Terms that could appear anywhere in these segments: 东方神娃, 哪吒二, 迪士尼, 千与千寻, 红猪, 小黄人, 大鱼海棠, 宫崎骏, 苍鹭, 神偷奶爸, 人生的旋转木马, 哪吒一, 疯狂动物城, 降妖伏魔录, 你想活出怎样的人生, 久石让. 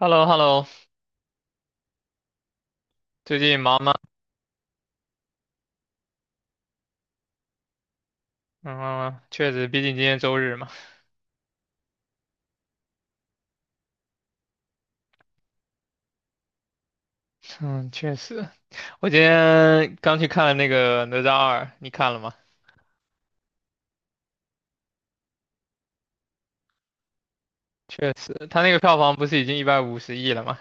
h e l l o h e l l o 最近忙吗？嗯，确实，毕竟今天周日嘛。嗯，确实，我今天刚去看了那个《哪吒二》，你看了吗？确实，他那个票房不是已经150亿了吗？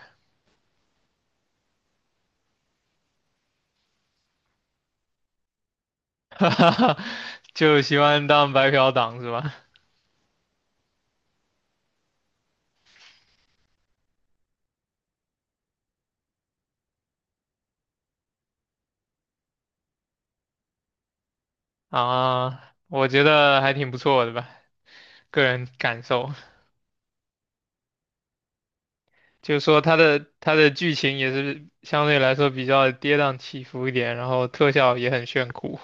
哈哈哈，就喜欢当白嫖党是吧？啊，我觉得还挺不错的吧，个人感受。就是说它的剧情也是相对来说比较跌宕起伏一点，然后特效也很炫酷。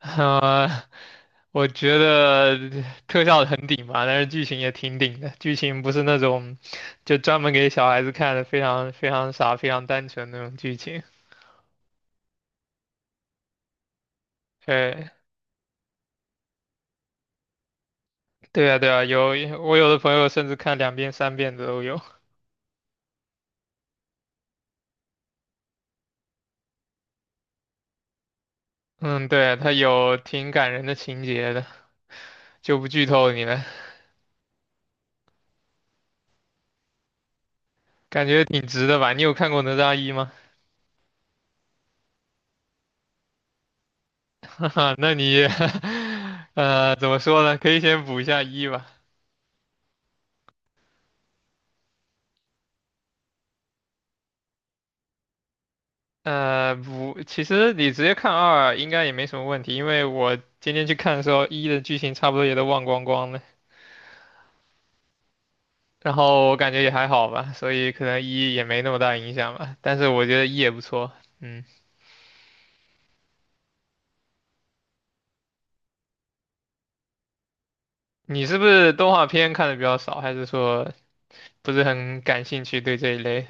呃，我觉得特效很顶吧，但是剧情也挺顶的。剧情不是那种就专门给小孩子看的，非常非常傻、非常单纯那种剧情。对，对啊，对啊，我有的朋友甚至看两遍、三遍的都有。嗯，对，他有挺感人的情节的，就不剧透你了，感觉挺值的吧？你有看过《哪吒一》吗？那你，怎么说呢？可以先补一下一吧。不，其实你直接看二应该也没什么问题，因为我今天去看的时候，一的剧情差不多也都忘光光了，然后我感觉也还好吧，所以可能一也没那么大影响吧。但是我觉得一也不错，嗯，你是不是动画片看的比较少，还是说不是很感兴趣对这一类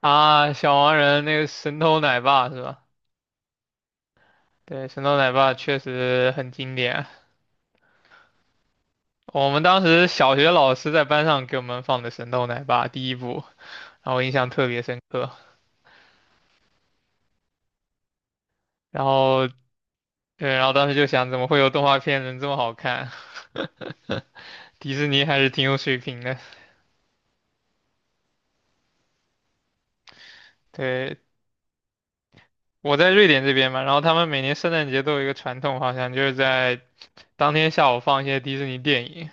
啊？小黄人那个神偷奶爸是吧？对，神偷奶爸确实很经典啊，我们当时小学老师在班上给我们放的神偷奶爸第一部，然后我印象特别深刻。然后对，然后当时就想，怎么会有动画片能这么好看？迪士尼还是挺有水平的。对，我在瑞典这边嘛，然后他们每年圣诞节都有一个传统，好像就是在当天下午放一些迪士尼电影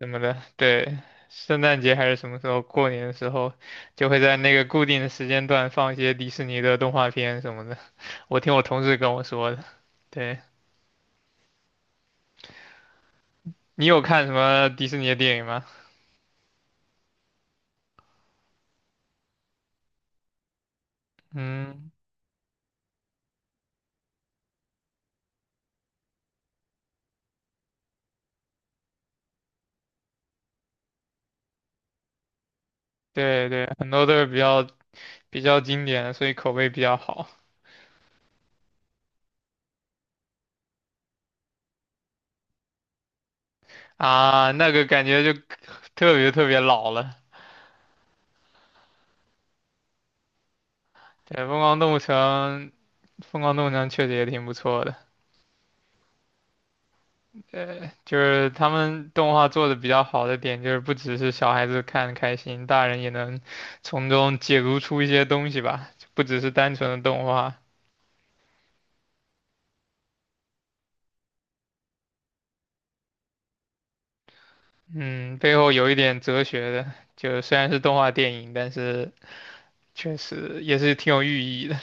什么的。对，圣诞节还是什么时候，过年的时候，就会在那个固定的时间段放一些迪士尼的动画片什么的。我听我同事跟我说的。对，你有看什么迪士尼的电影吗？嗯，对对，很多都是比较经典，所以口碑比较好啊。那个感觉就特别特别老了。对，《疯狂动物城》，《疯狂动物城》确实也挺不错的。就是他们动画做的比较好的点，就是不只是小孩子看开心，大人也能从中解读出一些东西吧，不只是单纯的动画。嗯，背后有一点哲学的，就虽然是动画电影，但是确实也是挺有寓意的。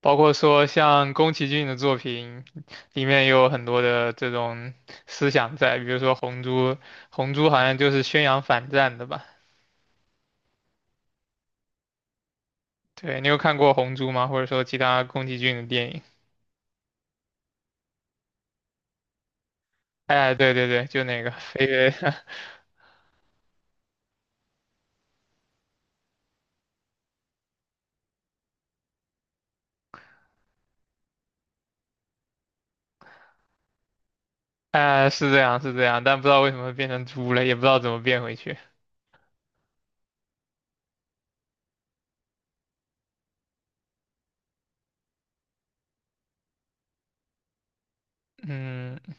包括说像宫崎骏的作品里面也有很多的这种思想在，比如说《红猪》，《红猪》好像就是宣扬反战的吧？对，你有看过《红猪》吗？或者说其他宫崎骏的电影？哎，对对对，就那个飞跃，哎，是这样是这样，但不知道为什么变成猪了，也不知道怎么变回去。嗯。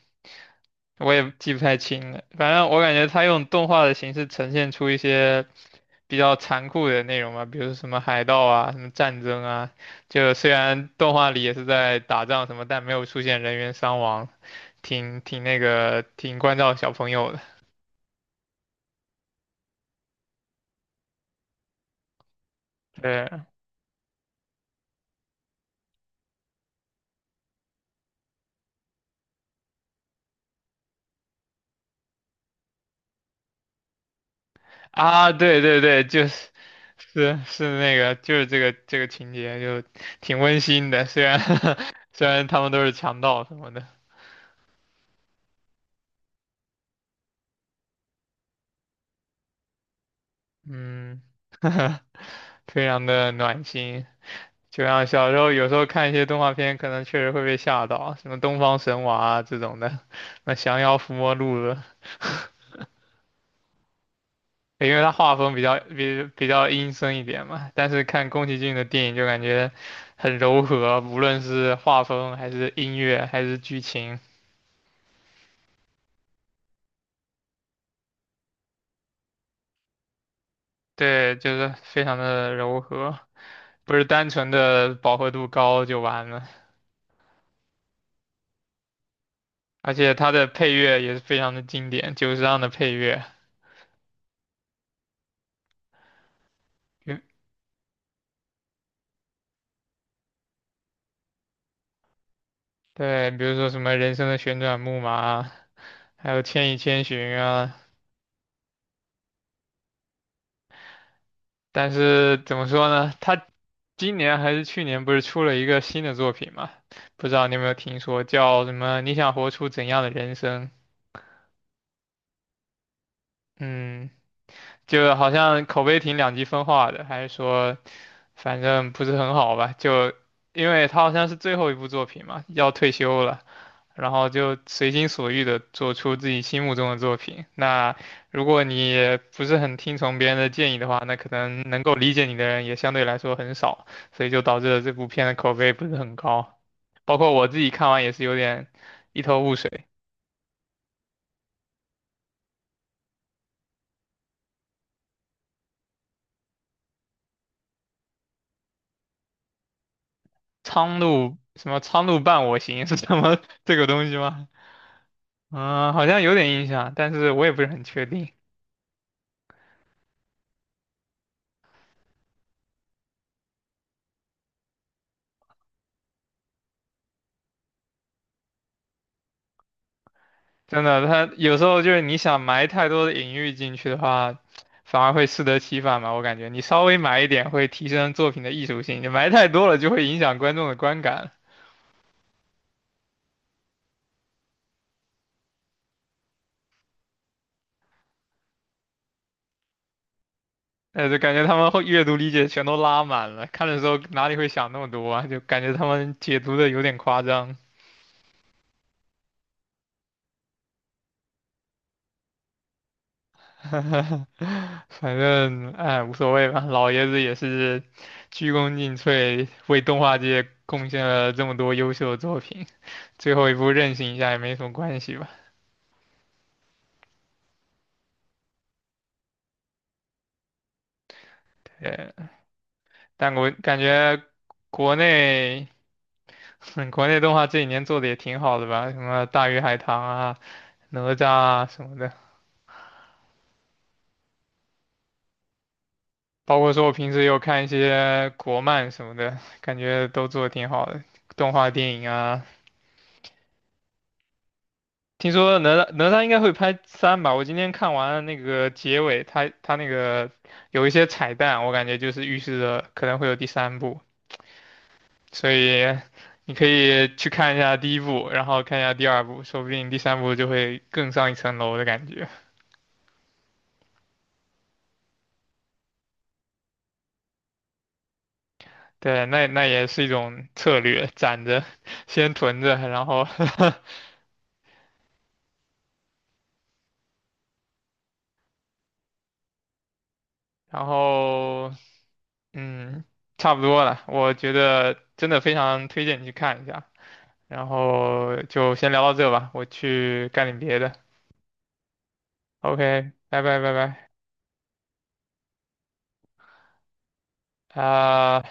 我也记不太清了。反正我感觉他用动画的形式呈现出一些比较残酷的内容嘛，比如什么海盗啊、什么战争啊，就虽然动画里也是在打仗什么，但没有出现人员伤亡，挺挺那个挺关照小朋友的。对啊，对对对，就是是那个就是这个情节就挺温馨的，虽然 虽然他们都是强盗什么的，嗯，非常的暖心。就像小时候有时候看一些动画片，可能确实会被吓到，什么《东方神娃》啊这种的，那《降妖伏魔录》了，因为它画风比较阴森一点嘛。但是看宫崎骏的电影就感觉很柔和，无论是画风还是音乐还是剧情，对，就是非常的柔和，不是单纯的饱和度高就完了。而且它的配乐也是非常的经典，久石让的配乐，比对，比如说什么《人生的旋转木马》啊还有《千与千寻》啊。但是怎么说呢？他今年还是去年不是出了一个新的作品嘛？不知道你有没有听说，叫什么？你想活出怎样的人生？嗯，就好像口碑挺两极分化的，还是说，反正不是很好吧？就因为他好像是最后一部作品嘛，要退休了，然后就随心所欲的做出自己心目中的作品。那如果你不是很听从别人的建议的话，那可能能够理解你的人也相对来说很少，所以就导致了这部片的口碑不是很高。包括我自己看完也是有点一头雾水。苍鹭什么苍鹭伴我行 是什么 这个东西吗？嗯，好像有点印象，但是我也不是很确定。真的，他有时候就是你想埋太多的隐喻进去的话，反而会适得其反嘛。我感觉你稍微埋一点会提升作品的艺术性，你埋太多了就会影响观众的观感。就感觉他们会阅读理解全都拉满了，看的时候哪里会想那么多啊？就感觉他们解读的有点夸张。反正哎，无所谓吧，老爷子也是鞠躬尽瘁，为动画界贡献了这么多优秀的作品，最后一部任性一下也没什么关系吧。对，但我感觉国内，国内动画这几年做的也挺好的吧，什么《大鱼海棠》啊、《哪吒》啊什么的，包括说我平时也有看一些国漫什么的，感觉都做的挺好的，动画电影啊。听说哪吒应该会拍三吧？我今天看完那个结尾，他那个有一些彩蛋，我感觉就是预示着可能会有第三部。所以你可以去看一下第一部，然后看一下第二部，说不定第三部就会更上一层楼的感觉。对，那也是一种策略，攒着，先囤着，然后 然后嗯，差不多了。我觉得真的非常推荐你去看一下。然后就先聊到这吧，我去干点别的。OK，拜拜拜拜啊。